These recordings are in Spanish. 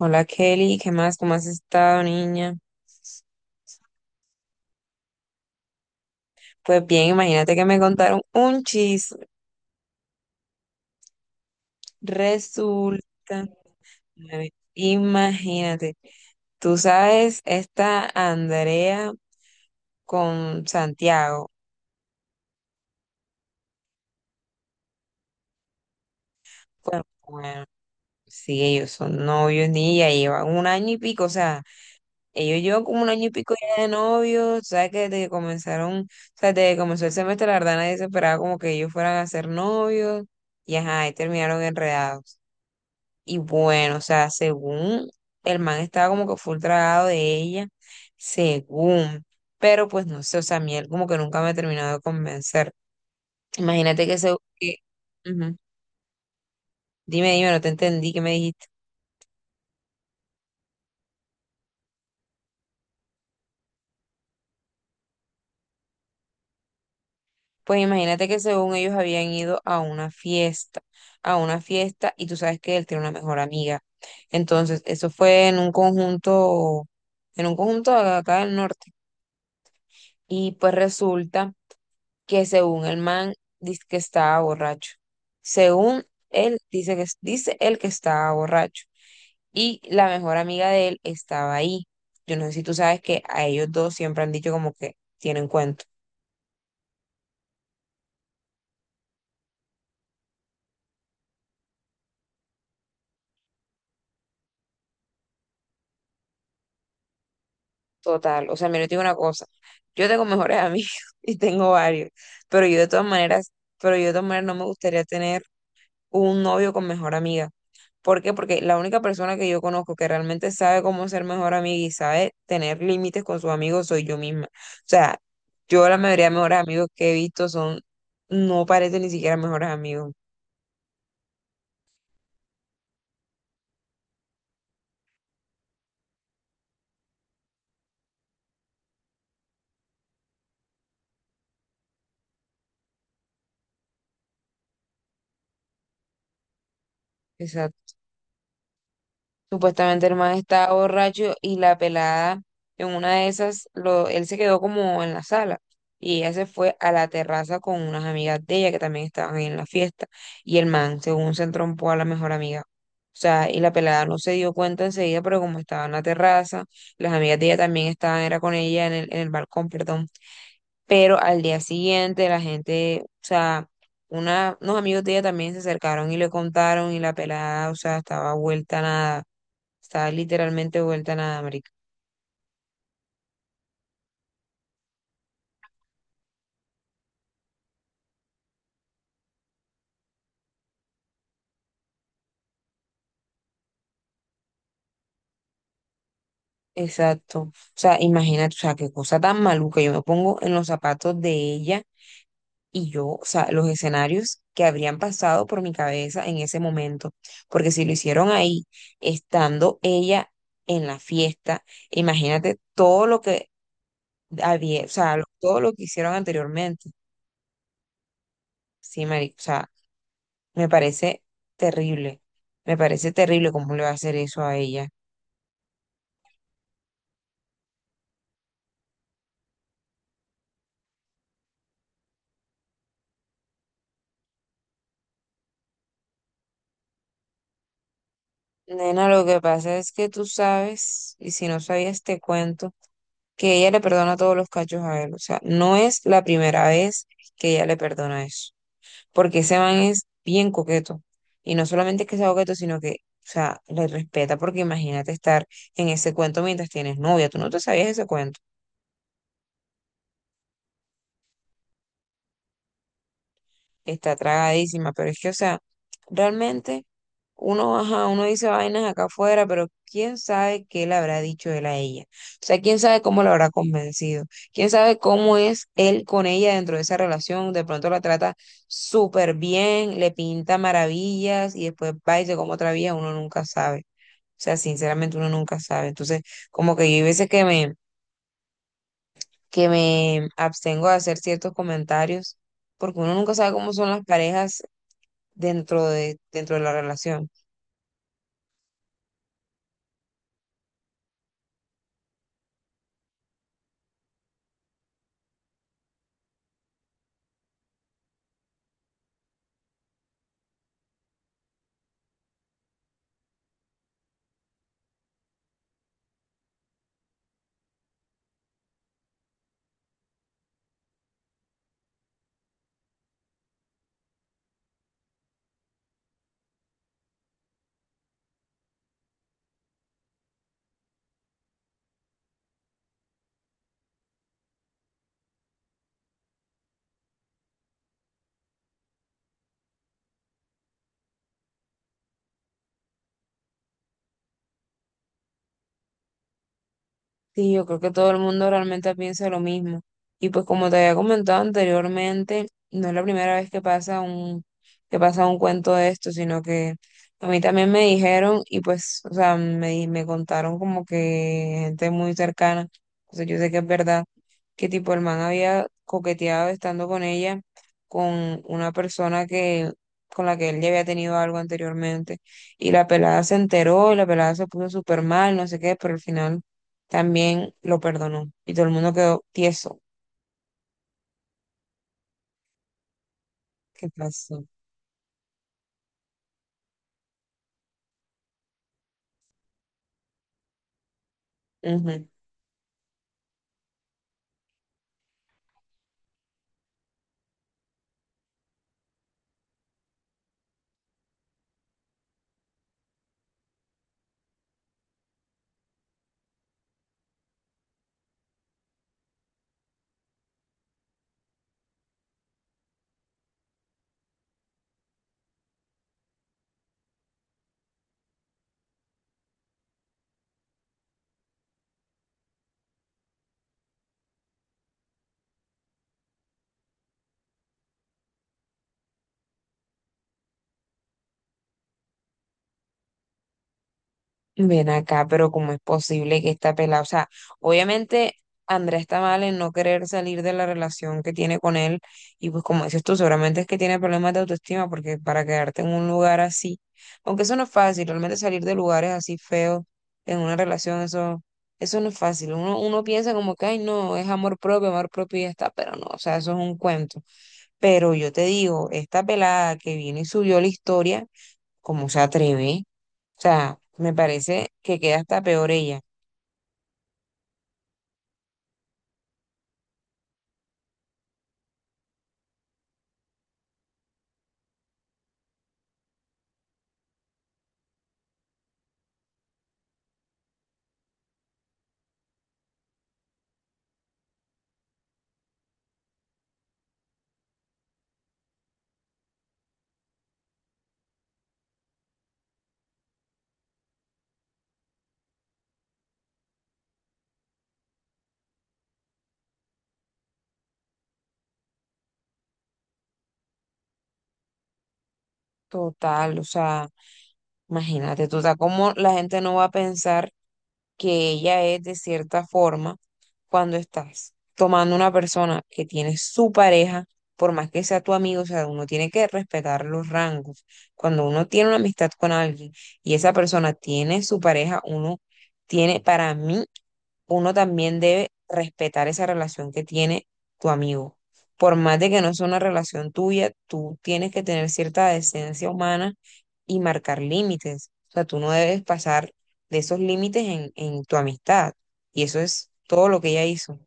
Hola, Kelly, ¿qué más? ¿Cómo has estado, niña? Pues bien, imagínate que me contaron un chisme. Resulta, a ver, imagínate, tú sabes, esta Andrea con Santiago. Bueno, sí, ellos son novios, niña, llevan un año y pico, o sea, ellos llevan como un año y pico ya de novios, tú sabes que desde que comenzaron, o sea, desde que comenzó el semestre, la verdad, nadie se esperaba como que ellos fueran a ser novios, y ajá, ahí terminaron enredados. Y bueno, o sea, según el man estaba como que full tragado de ella, según, pero pues no sé, o sea, a mí él como que nunca me ha terminado de convencer. Imagínate que se... que- ujú. Dime, dime, no te entendí, ¿qué me dijiste? Pues imagínate que según ellos habían ido a una fiesta, y tú sabes que él tiene una mejor amiga. Entonces, eso fue en un conjunto acá del norte. Y pues resulta que según el man dice que estaba borracho. Según él, dice que, dice él que estaba borracho. Y la mejor amiga de él estaba ahí. Yo no sé si tú sabes que a ellos dos siempre han dicho como que tienen cuento. Total. O sea, mira, yo te digo una cosa. Yo tengo mejores amigos y tengo varios. Pero yo de todas maneras, pero yo de todas maneras no me gustaría tener un novio con mejor amiga. ¿Por qué? Porque la única persona que yo conozco que realmente sabe cómo ser mejor amiga y sabe tener límites con sus amigos soy yo misma. O sea, yo la mayoría de mejores amigos que he visto son, no parecen ni siquiera mejores amigos. Exacto. Supuestamente el man estaba borracho y la pelada en una de esas, lo, él se quedó como en la sala y ella se fue a la terraza con unas amigas de ella que también estaban ahí en la fiesta y el man, según se entrompó a la mejor amiga. O sea, y la pelada no se dio cuenta enseguida, pero como estaba en la terraza, las amigas de ella también estaban, era con ella en el balcón, perdón, pero al día siguiente la gente, o sea, una, unos amigos de ella también se acercaron y le contaron y la pelada, o sea, estaba vuelta a nada. Está literalmente vuelta a nada, marica. Exacto. O sea, imagínate, o sea, qué cosa tan maluca. Yo me pongo en los zapatos de ella y yo, o sea, los escenarios que habrían pasado por mi cabeza en ese momento. Porque si lo hicieron ahí, estando ella en la fiesta, imagínate todo lo que había, o sea, lo- todo lo que hicieron anteriormente. Sí, marica, o sea, me parece terrible. Me parece terrible cómo le va a hacer eso a ella. Nena, lo que pasa es que tú sabes, y si no sabías te cuento, que ella le perdona todos los cachos a él. O sea, no es la primera vez que ella le perdona eso, porque ese man es bien coqueto. Y no solamente es que sea coqueto, sino que, o sea, le respeta, porque imagínate estar en ese cuento mientras tienes novia. Tú no te sabías ese cuento. Está tragadísima, pero es que, o sea, realmente uno, ajá, uno dice vainas acá afuera, pero quién sabe qué le habrá dicho él a ella. O sea, quién sabe cómo la habrá convencido. Quién sabe cómo es él con ella dentro de esa relación. De pronto la trata súper bien, le pinta maravillas y después va y se come otra vía, uno nunca sabe. O sea, sinceramente uno nunca sabe. Entonces, como que yo hay veces que me abstengo de hacer ciertos comentarios porque uno nunca sabe cómo son las parejas dentro de la relación. Sí, yo creo que todo el mundo realmente piensa lo mismo. Y pues como te había comentado anteriormente, no es la primera vez que pasa un cuento de esto, sino que a mí también me dijeron y pues, o sea, me, di- me contaron como que gente muy cercana, o sea, yo sé que es verdad, que tipo el man había coqueteado estando con ella, con una persona que, con la que él ya había tenido algo anteriormente. Y la pelada se enteró y la pelada se puso súper mal, no sé qué, pero al final también lo perdonó y todo el mundo quedó tieso. ¿Qué pasó? Ujú. Ven acá, pero ¿cómo es posible que esta pelada? O sea, obviamente Andrea está mal en no querer salir de la relación que tiene con él y pues como dices tú, seguramente es que tiene problemas de autoestima porque para quedarte en un lugar así, aunque eso no es fácil, realmente salir de lugares así feos en una relación, eso no es fácil. Uno, uno piensa como que, ay, no, es amor propio y ya está, pero no, o sea, eso es un cuento. Pero yo te digo, esta pelada que vino y subió la historia, ¿cómo se atreve? O sea, me parece que queda hasta peor ella. Total, o sea, imagínate tú, o sea, cómo la gente no va a pensar que ella es de cierta forma cuando estás tomando una persona que tiene su pareja, por más que sea tu amigo, o sea, uno tiene que respetar los rangos. Cuando uno tiene una amistad con alguien y esa persona tiene su pareja, uno tiene, para mí, uno también debe respetar esa relación que tiene tu amigo. Por más de que no sea una relación tuya, tú tienes que tener cierta decencia humana y marcar límites. O sea, tú no debes pasar de esos límites en tu amistad. Y eso es todo lo que ella hizo.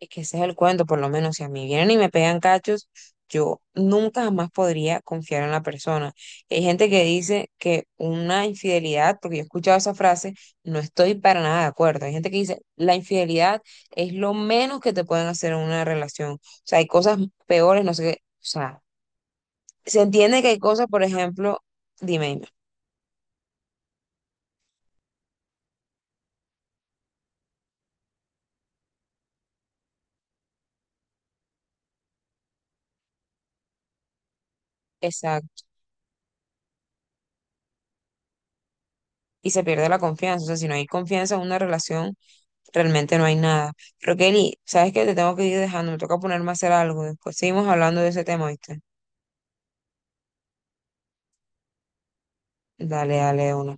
Es que ese es el cuento, por lo menos si a mí vienen y me pegan cachos, yo nunca jamás podría confiar en la persona. Hay gente que dice que una infidelidad, porque yo he escuchado esa frase, no estoy para nada de acuerdo. Hay gente que dice, la infidelidad es lo menos que te pueden hacer en una relación. O sea, hay cosas peores, no sé qué. O sea, se entiende que hay cosas, por ejemplo, dime, dime. Exacto. Y se pierde la confianza. O sea, si no hay confianza en una relación, realmente no hay nada. Pero Kelly, ¿sabes qué? Te tengo que ir dejando, me toca ponerme a hacer algo. Después seguimos hablando de ese tema, ¿viste? Dale, dale, de una.